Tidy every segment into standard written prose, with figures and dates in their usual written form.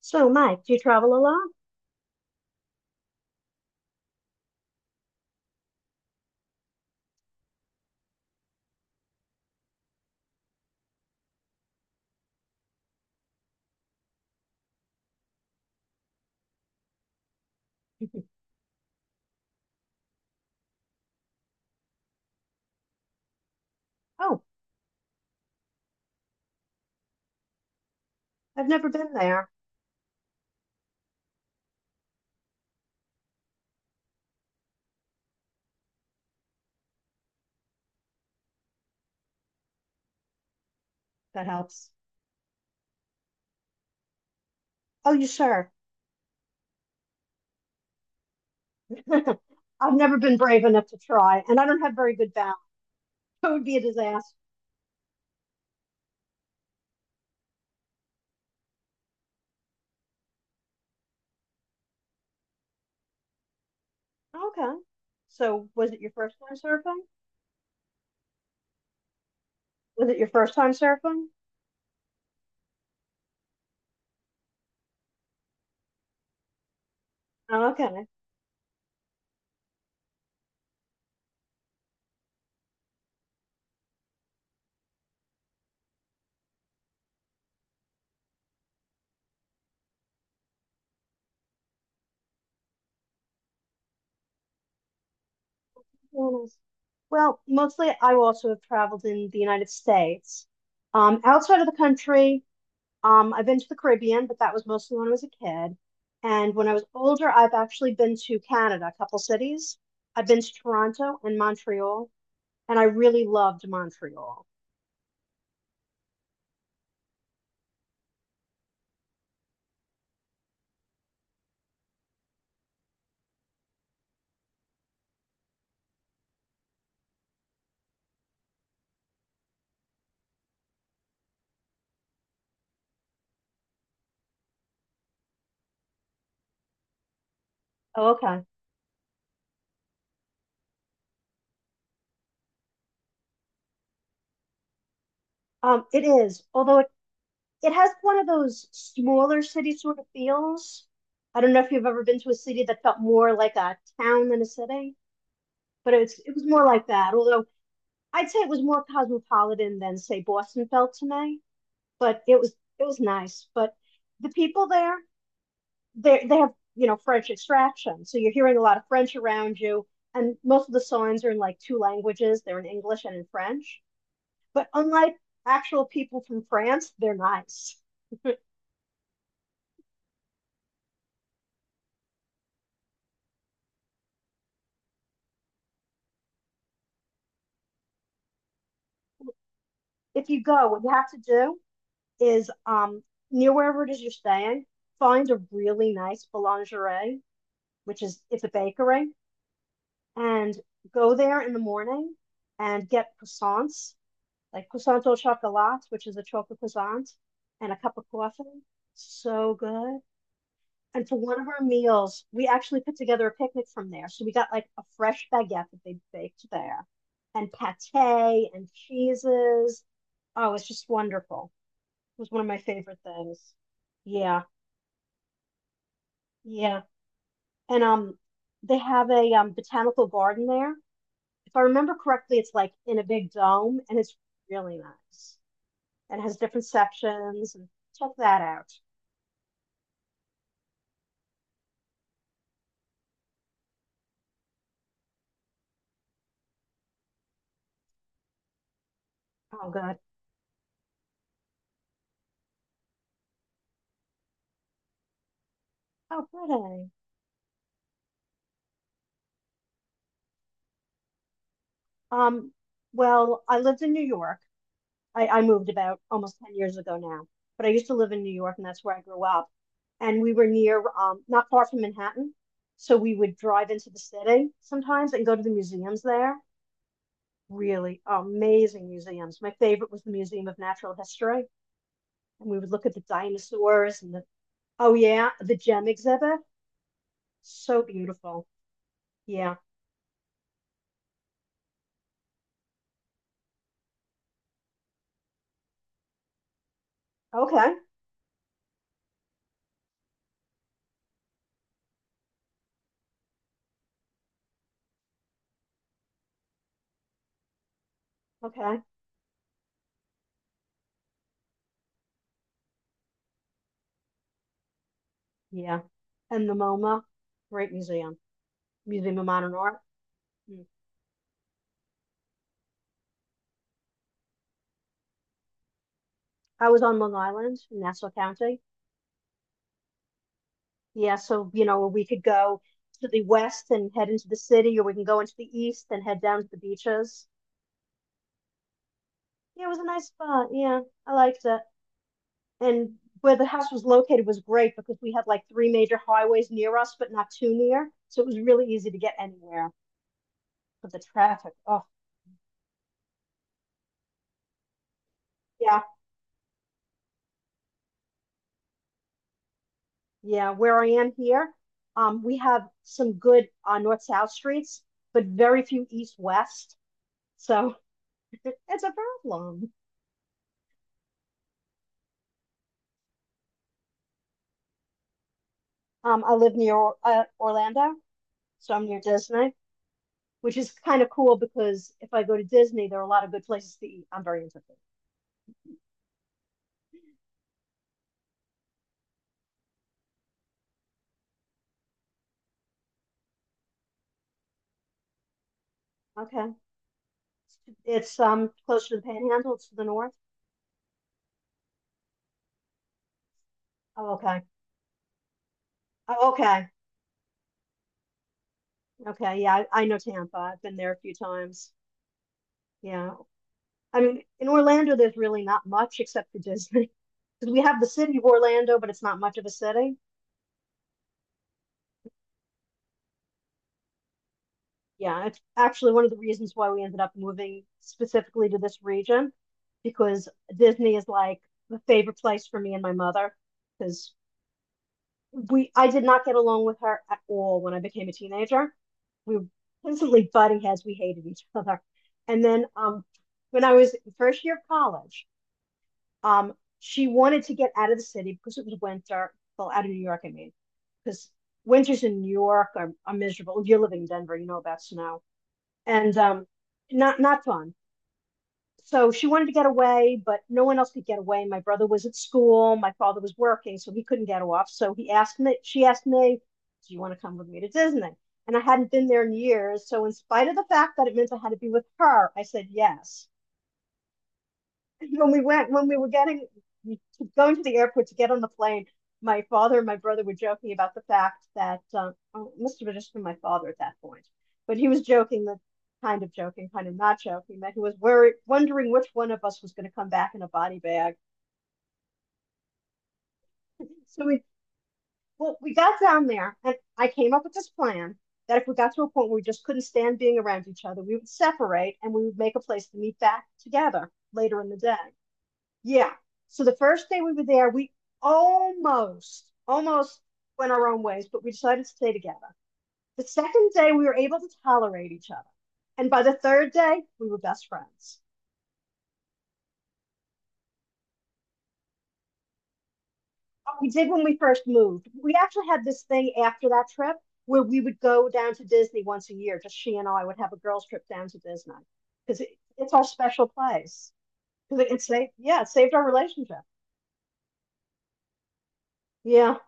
So, Mike, do you travel a lot? Oh, I've never been there. That helps. Oh, you sure? I've never been brave enough to try, and I don't have very good balance. It would be a disaster. Okay. So, was it your first time surfing? Was it your first time surfing? Oh, okay. Very nice. Well, mostly I also have traveled in the United States. Outside of the country, I've been to the Caribbean, but that was mostly when I was a kid. And when I was older, I've actually been to Canada, a couple cities. I've been to Toronto and Montreal, and I really loved Montreal. Oh, okay. It is, although it has one of those smaller city sort of feels. I don't know if you've ever been to a city that felt more like a town than a city, but it was more like that. Although I'd say it was more cosmopolitan than, say, Boston felt to me. But it was nice. But the people there, they have, French extraction, so you're hearing a lot of French around you, and most of the songs are in like two languages. They're in English and in French. But unlike actual people from France, they're nice. If you go, what you have to do is, near wherever it is you're staying, find a really nice boulangerie, which is it's a bakery, and go there in the morning and get croissants like croissant au chocolat, which is a chocolate croissant, and a cup of coffee. So good. And for one of our meals, we actually put together a picnic from there. So we got like a fresh baguette that they baked there, and pate and cheeses. Oh, it's just wonderful. It was one of my favorite things. Yeah, yeah. And they have a botanical garden there. If I remember correctly, it's like in a big dome, and it's really nice and has different sections. And check that out. Oh, good. Oh, pretty. Um, well, I lived in New York. I moved about almost 10 years ago now, but I used to live in New York, and that's where I grew up. And we were near, not far from Manhattan. So we would drive into the city sometimes and go to the museums there. Really amazing museums. My favorite was the Museum of Natural History. And we would look at the dinosaurs and the, oh, yeah, the gem exhibit. So beautiful. Yeah. Okay. Okay. Yeah. And the MoMA, great museum, Museum of Modern Art. Mm. I was on Long Island in Nassau County. Yeah, so, you know, we could go to the west and head into the city, or we can go into the east and head down to the beaches. Yeah, it was a nice spot. Yeah, I liked it. And where the house was located was great because we had like three major highways near us, but not too near, so it was really easy to get anywhere. But the traffic, oh yeah. Yeah, where I am here, we have some good north-south streets, but very few east-west. So it's a problem. I live near Orlando, so I'm near Disney, which is kind of cool because if I go to Disney, there are a lot of good places to eat. I'm very interested. Okay, it's closer to the Panhandle. It's to the north. Oh, okay. Oh, okay. Okay. Yeah, I know Tampa. I've been there a few times. Yeah. I mean, in Orlando, there's really not much except for Disney. 'Cause we have the city of Orlando, but it's not much of a city. Yeah, it's actually one of the reasons why we ended up moving specifically to this region because Disney is like the favorite place for me and my mother because we I did not get along with her at all when I became a teenager. We were constantly butting heads. We hated each other. And then, when I was in first year of college, Um, she wanted to get out of the city because it was winter. Well, out of New York, I mean, because winters in New York are miserable. If you're living in Denver, you know about snow and, not fun. So she wanted to get away, but no one else could get away. My brother was at school. My father was working, so he couldn't get off. So he asked me. She asked me, "Do you want to come with me to Disney?" And I hadn't been there in years. So in spite of the fact that it meant I had to be with her, I said yes. When we were getting Going to the airport to get on the plane, my father and my brother were joking about the fact that, oh, it must have just been my father at that point, but he was joking, that kind of joking, kind of not joking, that he was worried, wondering which one of us was going to come back in a body bag. So we Well, we got down there and I came up with this plan that if we got to a point where we just couldn't stand being around each other, we would separate and we would make a place to meet back together later in the day. Yeah. So the first day we were there, we almost went our own ways, but we decided to stay together. The second day, we were able to tolerate each other. And by the third day, we were best friends. What we did when we first moved, we actually had this thing after that trip where we would go down to Disney once a year. Just she and I would have a girls' trip down to Disney because it's our special place. Because it saved, yeah, it saved our relationship. Yeah,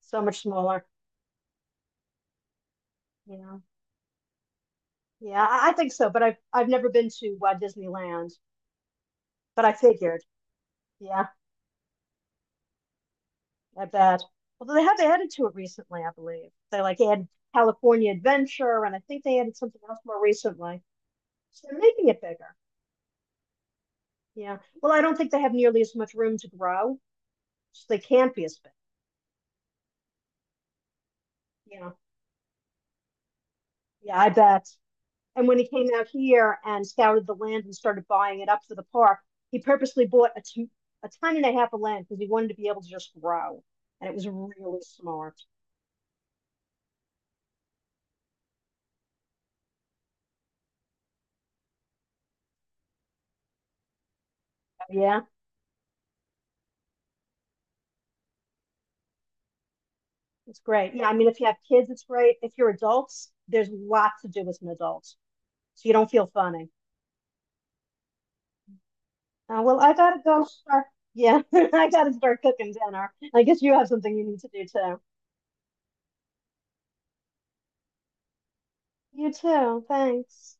so much smaller. Yeah. Yeah, I think so, but I've never been to Walt Disneyland, but I figured, yeah, I bet. Although they have added to it recently, I believe. They like added California Adventure, and I think they added something else more recently. So they're making it bigger. Yeah. Well, I don't think they have nearly as much room to grow, so they can't be as big. Yeah. Yeah, I bet. And when he came out here and scouted the land and started buying it up for the park, he purposely bought a ton and a half of land because he wanted to be able to just grow, and it was really smart. Yeah, it's great. Yeah, I mean, if you have kids, it's great. If you're adults, there's lots to do as an adult, so you don't feel funny. Well, I gotta go start. Yeah, I gotta start cooking dinner. I guess you have something you need to do too. You too. Thanks.